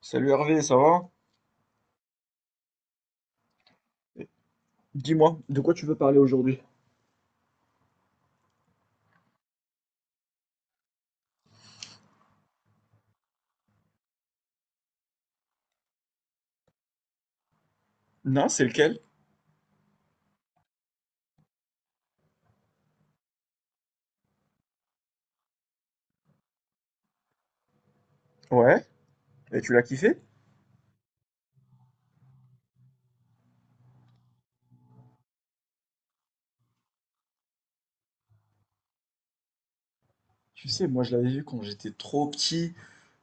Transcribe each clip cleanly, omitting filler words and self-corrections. Salut Hervé, ça va? Dis-moi, de quoi tu veux parler aujourd'hui? Non, c'est lequel? Ouais. Et tu l'as kiffé? Tu sais, moi je l'avais vu quand j'étais trop petit.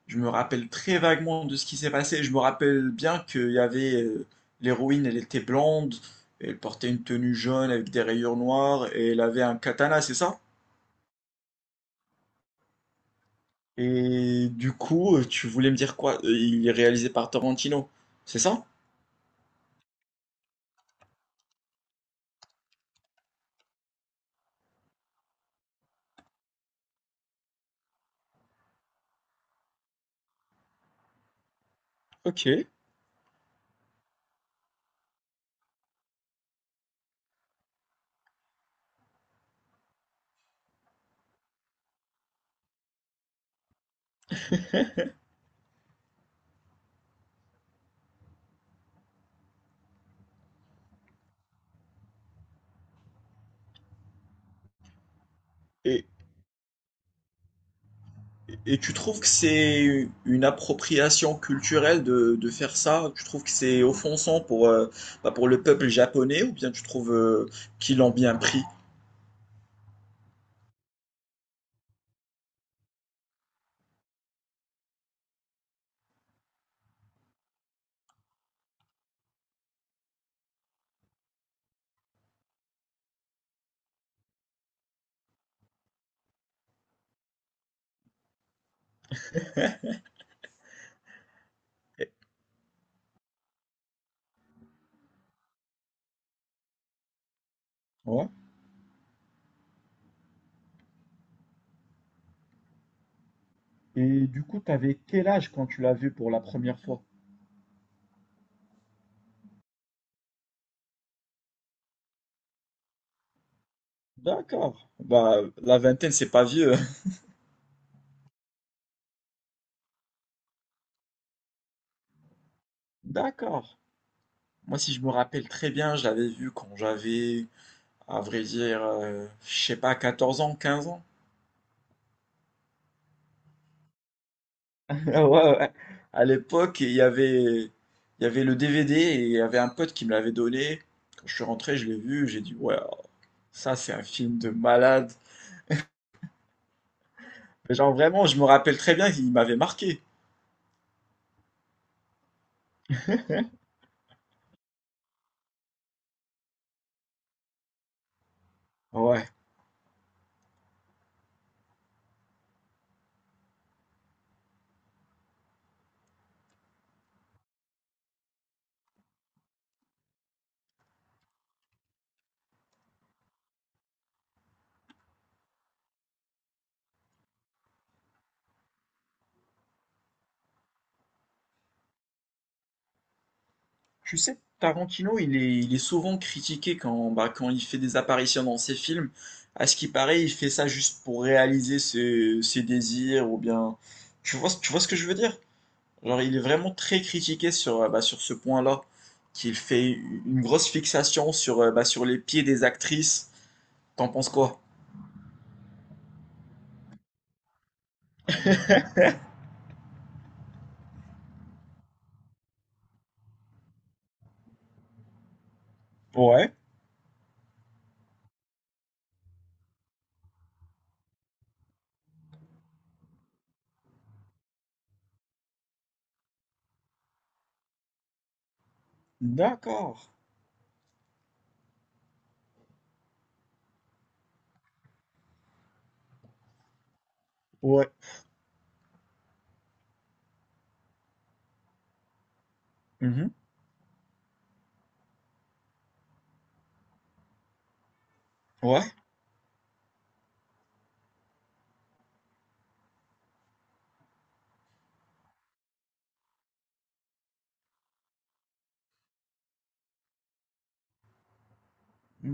Je me rappelle très vaguement de ce qui s'est passé. Je me rappelle bien qu'il y avait l'héroïne, elle était blonde, elle portait une tenue jaune avec des rayures noires et elle avait un katana, c'est ça? Et du coup, tu voulais me dire quoi? Il est réalisé par Tarantino, c'est ça? Ok. Et Et tu trouves que c'est une appropriation culturelle de faire ça? Tu trouves que c'est offensant bah, pour le peuple japonais, ou bien tu trouves qu'ils l'ont bien pris? Ouais. Et du coup, t'avais quel âge quand tu l'as vu pour la première fois? D'accord. Bah, la vingtaine, c'est pas vieux. D'accord. Moi, si je me rappelle très bien, je l'avais vu quand j'avais, à vrai dire, je sais pas, 14 ans, 15 ans. Ah ouais, ouais. À l'époque, il y avait le DVD et il y avait un pote qui me l'avait donné. Quand je suis rentré, je l'ai vu, j'ai dit, ouais, oh, ça c'est un film de malade. Mais genre vraiment, je me rappelle très bien qu'il m'avait marqué. Ouais. Tu sais, Tarantino, il est souvent critiqué bah, quand il fait des apparitions dans ses films. À ce qui paraît, il fait ça juste pour réaliser ses désirs, ou bien. Tu vois ce que je veux dire? Genre, il est vraiment très critiqué bah, sur ce point-là, qu'il fait une grosse fixation bah, sur les pieds des actrices. T'en penses quoi? Ouais, d'accord. Ouais. Mhm. Ouais,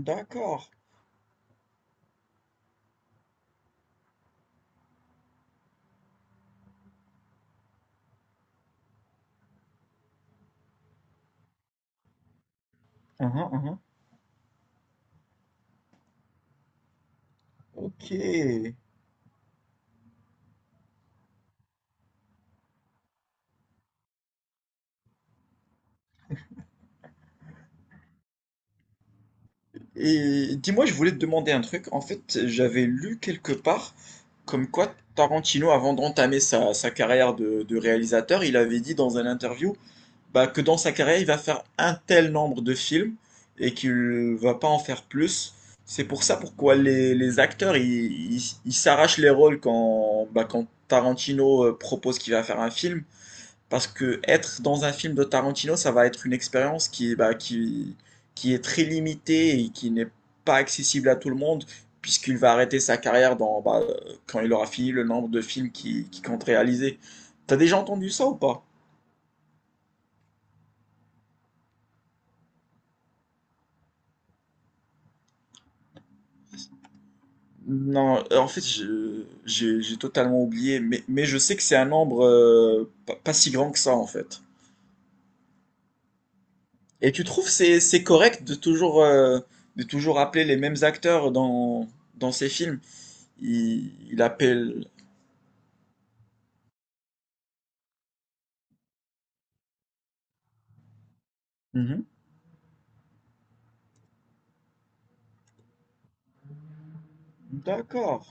d'accord. Mhm, mhm. Ok. Et dis-moi, je voulais te demander un truc. En fait, j'avais lu quelque part comme quoi Tarantino, avant d'entamer sa carrière de réalisateur, il avait dit dans un interview, bah, que dans sa carrière, il va faire un tel nombre de films et qu'il va pas en faire plus. C'est pour ça pourquoi les acteurs, ils s'arrachent les rôles bah, quand Tarantino propose qu'il va faire un film. Parce que être dans un film de Tarantino, ça va être une expérience bah, qui est très limitée et qui n'est pas accessible à tout le monde, puisqu'il va arrêter sa carrière bah, quand il aura fini le nombre de films qu'il qui compte réaliser. T'as déjà entendu ça ou pas? Non, en fait, j'ai totalement oublié, mais je sais que c'est un nombre pas si grand que ça, en fait. Et tu trouves c'est correct de toujours appeler les mêmes acteurs dans ces films? Il appelle. Mhm. D'accord.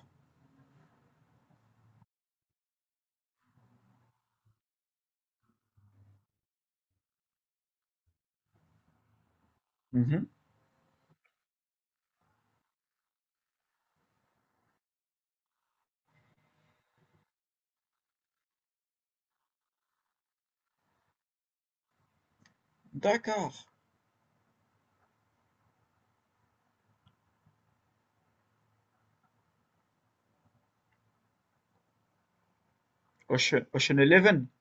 Mhm. D'accord. Ocean, Ocean Eleven.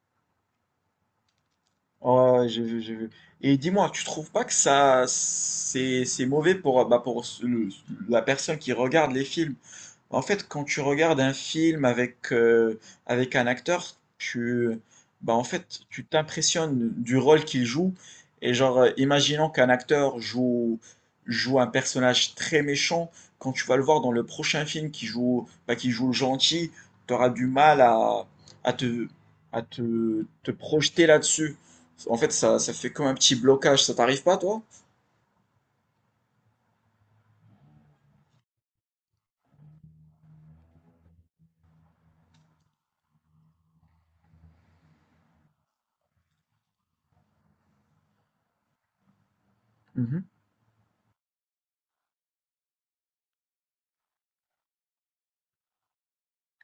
Oh, j'ai vu, j'ai vu. Et dis-moi, tu trouves pas que ça c'est mauvais pour bah pour la personne qui regarde les films? En fait, quand tu regardes un film avec un acteur, bah, en fait, tu t'impressionnes du rôle qu'il joue. Et genre, imaginons qu'un acteur joue un personnage très méchant. Quand tu vas le voir dans le prochain film bah, qui joue le gentil, tu auras du mal à te, à te projeter là-dessus. En fait, ça fait comme un petit blocage. Ça t'arrive pas, toi? Mhm.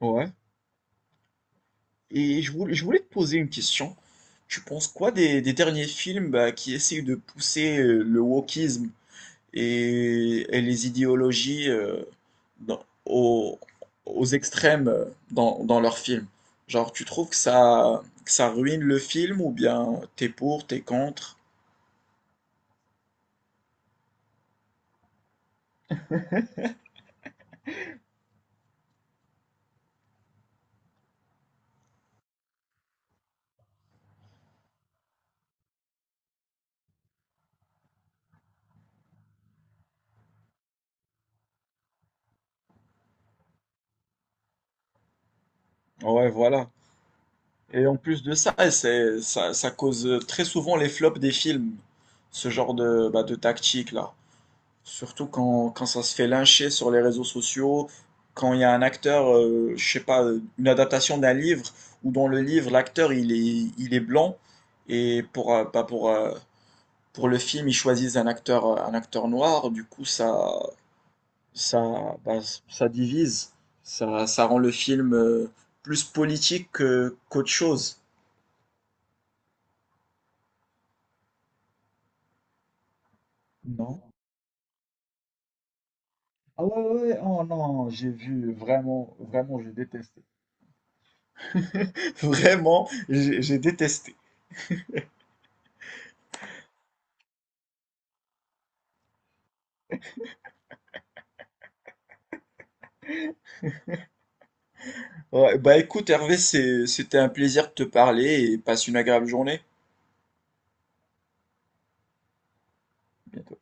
Ouais. Et je voulais te poser une question. Tu penses quoi des derniers films, bah, qui essayent de pousser le wokisme et les idéologies dans- aux, aux extrêmes dans leurs films? Genre, tu trouves que que ça ruine le film, ou bien t'es pour, t'es contre? Ouais, voilà. Et en plus de ça, ça cause très souvent les flops des films, ce genre bah, de tactique là. Surtout quand ça se fait lyncher sur les réseaux sociaux, quand il y a un acteur, je sais pas, une adaptation d'un livre, où dans le livre, l'acteur, il est blanc, et bah, pour le film, ils choisissent un acteur noir, du coup, bah, ça divise, ça rend le film, plus politique qu'autre chose, non? Ah ouais, ouais, ouais. Oh non, j'ai vu, vraiment, vraiment, j'ai détesté. Vraiment, j'ai détesté. Ouais, bah écoute Hervé, c'était un plaisir de te parler et passe une agréable journée. À bientôt.